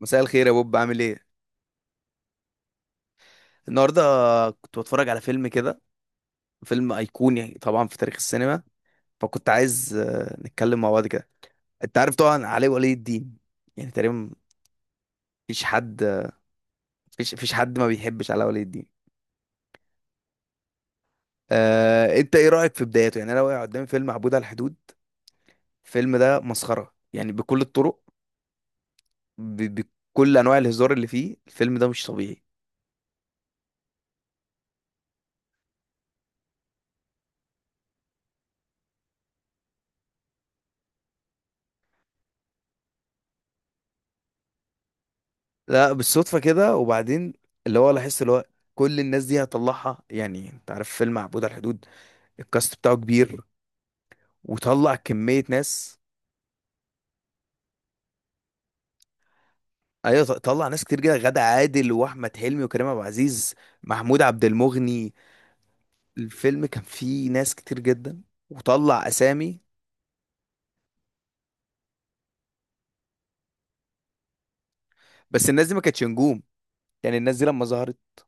مساء الخير يا بوب، عامل ايه النهارده؟ كنت بتفرج على فيلم كده، فيلم ايقوني طبعا في تاريخ السينما. فكنت عايز نتكلم مع بعض كده. انت عارف طبعا علي ولي الدين، يعني تقريبا مفيش حد، مفيش حد ما بيحبش علي ولي الدين. انت ايه رايك في بدايته؟ يعني انا واقع قدامي فيلم عبود على الحدود. الفيلم ده مسخره يعني بكل الطرق، ب... بكل انواع الهزار اللي فيه. الفيلم ده مش طبيعي. لا بالصدفه كده، وبعدين اللي هو لاحظت اللي هو كل الناس دي هطلعها. يعني انت عارف فيلم عبود على الحدود، الكاست بتاعه كبير وطلع كمية ناس. ايوه، طلع ناس كتير جدا: غادة عادل واحمد حلمي وكريم عبد العزيز، محمود عبد المغني. الفيلم كان فيه ناس كتير جدا وطلع اسامي. بس الناس دي ما كانتش نجوم، يعني الناس دي لما ظهرت.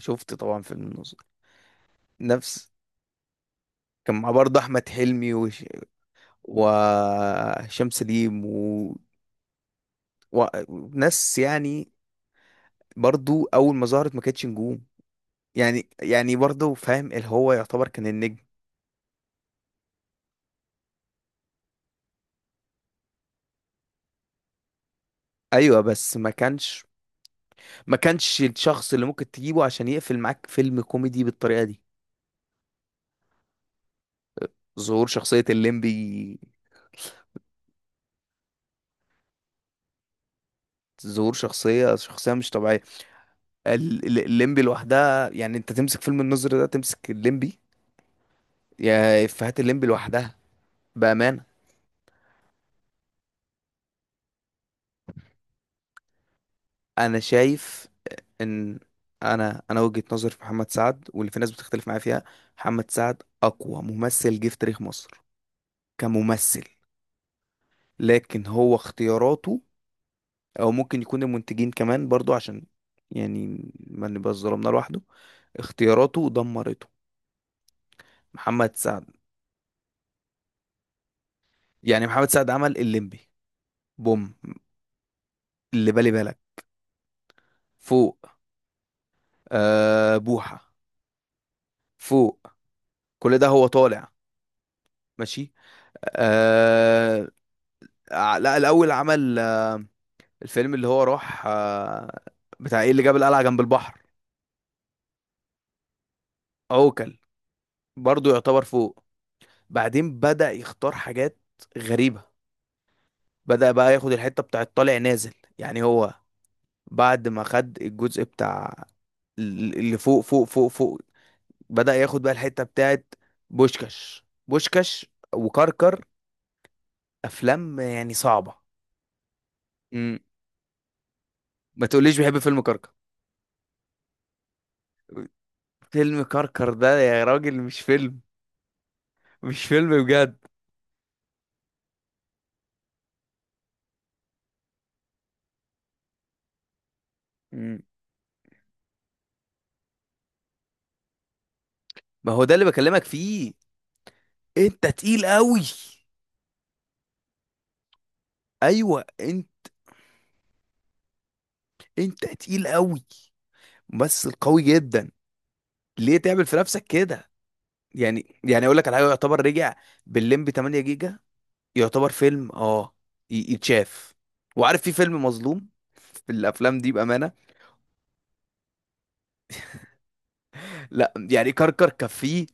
شفت طبعا فيلم الناظر، نفس. كان مع برضه احمد حلمي وهشام سليم وناس يعني. برضه اول ما ظهرت ما كانتش نجوم، يعني يعني برضه فاهم اللي هو يعتبر كان النجم. ايوه بس ما كانش، ما كانش الشخص اللي ممكن تجيبه عشان يقفل معاك فيلم كوميدي بالطريقه دي. ظهور شخصيه الليمبي، ظهور شخصيه مش طبيعيه. الليمبي لوحدها، يعني انت تمسك فيلم النظر ده تمسك الليمبي، يا افيهات الليمبي لوحدها، بامانه. انا شايف ان، انا وجهه نظري في محمد سعد واللي في ناس بتختلف معايا فيها، محمد سعد اقوى ممثل جه في تاريخ مصر كممثل. لكن هو اختياراته، او ممكن يكون المنتجين كمان برضو عشان، يعني ما نبقاش ظلمنا لوحده، اختياراته دمرته. محمد سعد، يعني محمد سعد عمل الليمبي، بوم، اللي بالي بالك، فوق، آه بوحة، فوق، كل ده هو طالع. ماشي. آه. لا، الاول عمل آه الفيلم اللي هو راح آه بتاع ايه اللي جاب القلعة جنب البحر، عوكل. برضو يعتبر فوق. بعدين بدأ يختار حاجات غريبة، بدأ بقى ياخد الحتة بتاعة طالع نازل. يعني هو بعد ما خد الجزء بتاع اللي فوق فوق فوق فوق، بدأ ياخد بقى الحتة بتاعة بوشكاش، بوشكاش وكركر، أفلام يعني صعبة. مم. ما تقوليش بحب فيلم كركر. فيلم كركر ده يا راجل مش فيلم، مش فيلم بجد. مم. ما هو ده اللي بكلمك فيه، انت تقيل قوي. ايوه انت، انت تقيل قوي، ممثل قوي جدا، ليه تعمل في نفسك كده؟ يعني يعني اقول لك على حاجه، يعتبر رجع بالليمب 8 جيجا، يعتبر فيلم اه يتشاف، وعارف في فيلم مظلوم، في الافلام دي بامانه. لا يعني كركر كان فيه،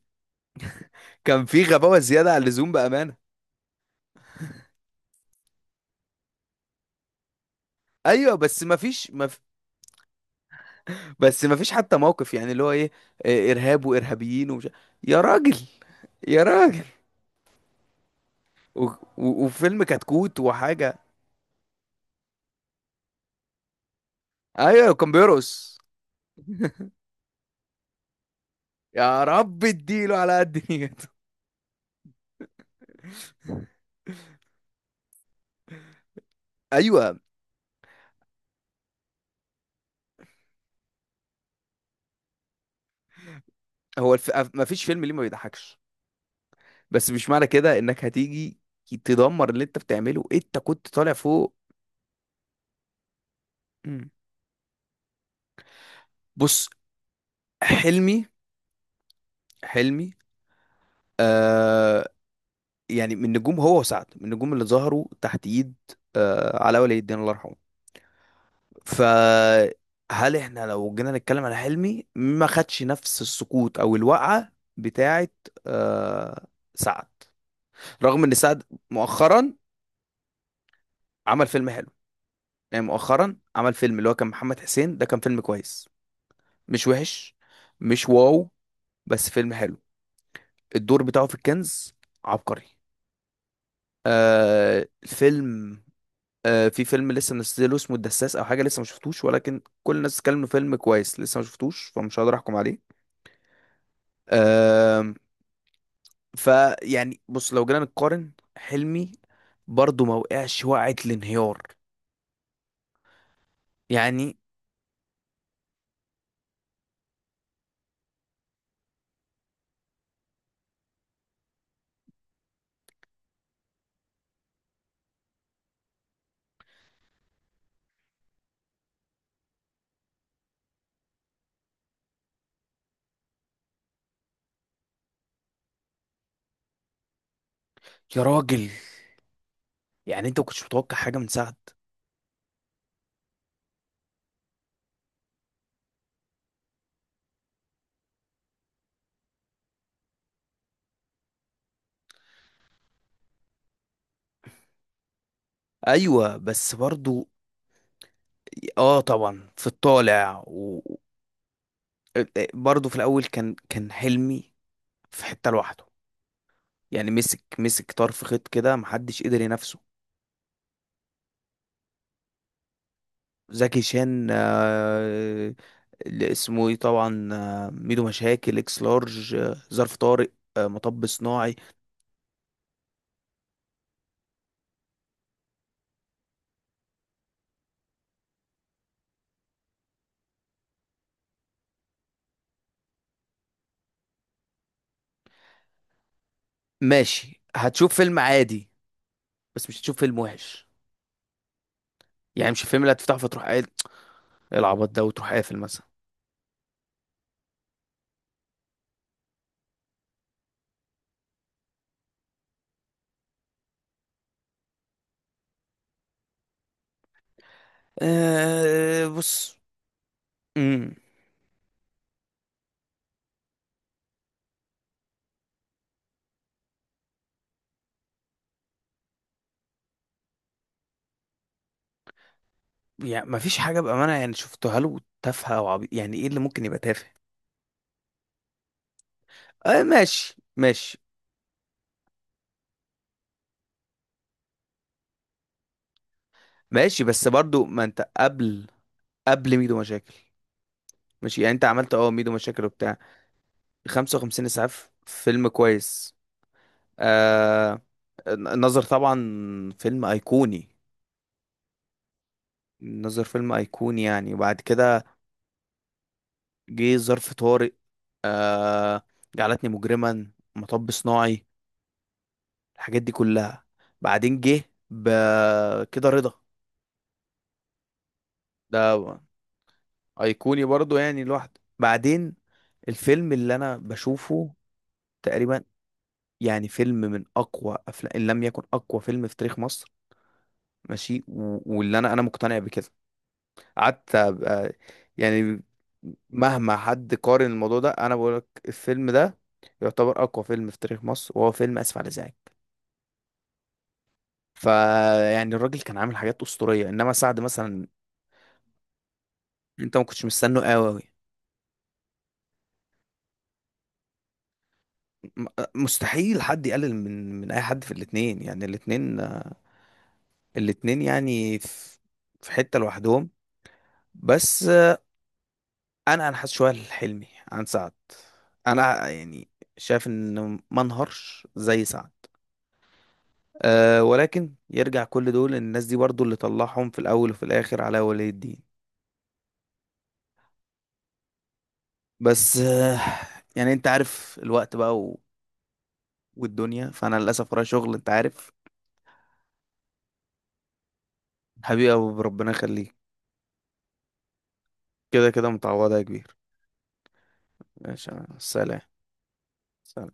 كان فيه غباوه زياده عن اللزوم بامانه. ايوه بس ما فيش، ما في بس ما فيش حتى موقف يعني اللي هو ايه، ارهاب وارهابيين ومش، يا راجل، يا راجل، و... وفيلم كتكوت وحاجه. ايوه كان بيرقص. يا رب اديله على قد نيته. ايوه. هو ما فيش فيلم ليه ما بيضحكش، بس مش معنى كده انك هتيجي تدمر اللي انت بتعمله. انت كنت طالع فوق. مم. بص، حلمي، حلمي آه، يعني من نجوم، هو وسعد من النجوم اللي ظهروا تحت ايد آه علاء ولي الدين الله يرحمه. فهل احنا لو جينا نتكلم على حلمي ما خدش نفس السقوط او الوقعة بتاعت آه سعد؟ رغم ان سعد مؤخرا عمل فيلم حلو، يعني مؤخرا عمل فيلم اللي هو كان محمد حسين، ده كان فيلم كويس، مش وحش، مش واو، بس فيلم حلو. الدور بتاعه في الكنز عبقري. آه الفيلم، آه في فيلم لسه منزله اسمه الدساس او حاجه لسه ما شفتوش، ولكن كل الناس بتتكلم إنه فيلم كويس، لسه ما شفتوش فمش هقدر احكم عليه. آه، فيعني بص لو جينا نقارن حلمي، برضه ما وقعش وقعة الانهيار يعني. يا راجل، يعني انت ما كنتش متوقع حاجه من سعد؟ ايوه بس برضه اه طبعا في الطالع. وبرضه في الاول كان حلمي في حتة لوحده، يعني مسك طرف خيط كده محدش قدر ينافسه. زكي شان اللي اسمه ايه طبعا، ميدو مشاكل، اكس لارج، ظرف طارق، مطب صناعي. ماشي هتشوف فيلم عادي، بس مش هتشوف فيلم وحش. يعني مش الفيلم اللي هتفتحه فتروح قايل إيه العبط ده وتروح قافل مثلا. أه بص. مم. يعني ما فيش حاجة بأمانة يعني شفتها له تافهة أو عبيط. يعني إيه اللي ممكن يبقى تافه؟ آه ماشي ماشي. ماشي بس برضو ما أنت قبل، قبل ميدو مشاكل. ماشي، يعني أنت عملت أه ميدو مشاكل وبتاع 55 إسعاف، فيلم كويس. آه النظر طبعا، فيلم أيقوني. النظر فيلم أيقوني يعني. وبعد كده جه ظرف طارق، آه جعلتني مجرما، مطب صناعي، الحاجات دي كلها. بعدين جه كده رضا. ده ايقوني برضو يعني لوحده. بعدين الفيلم اللي انا بشوفه تقريبا، يعني فيلم من اقوى افلام ان لم يكن اقوى فيلم في تاريخ مصر، ماشي، واللي انا مقتنع بكده. قعدت أبقى، يعني مهما حد قارن الموضوع ده، انا بقول لك الفيلم ده يعتبر اقوى فيلم في تاريخ مصر، وهو فيلم اسف على الازعاج. فيعني الراجل كان عامل حاجات اسطوريه، انما سعد مثلا انت ما كنتش مستنه قوي أوي. م- مستحيل حد يقلل من اي حد في الاتنين. يعني الاتنين، الاتنين يعني في، في حتة لوحدهم. بس انا انحاز شوية لحلمي عن سعد. انا يعني شايف ان ما انهارش زي سعد. أه ولكن يرجع كل دول إن الناس دي برضو اللي طلعهم في الاول وفي الاخر على ولي الدين. بس أه يعني انت عارف الوقت بقى والدنيا، فانا للاسف ورايا شغل انت عارف. حبيبي يا ابو، ربنا يخليك. كده كده متعوضة يا كبير. ماشي، سلام، سلام.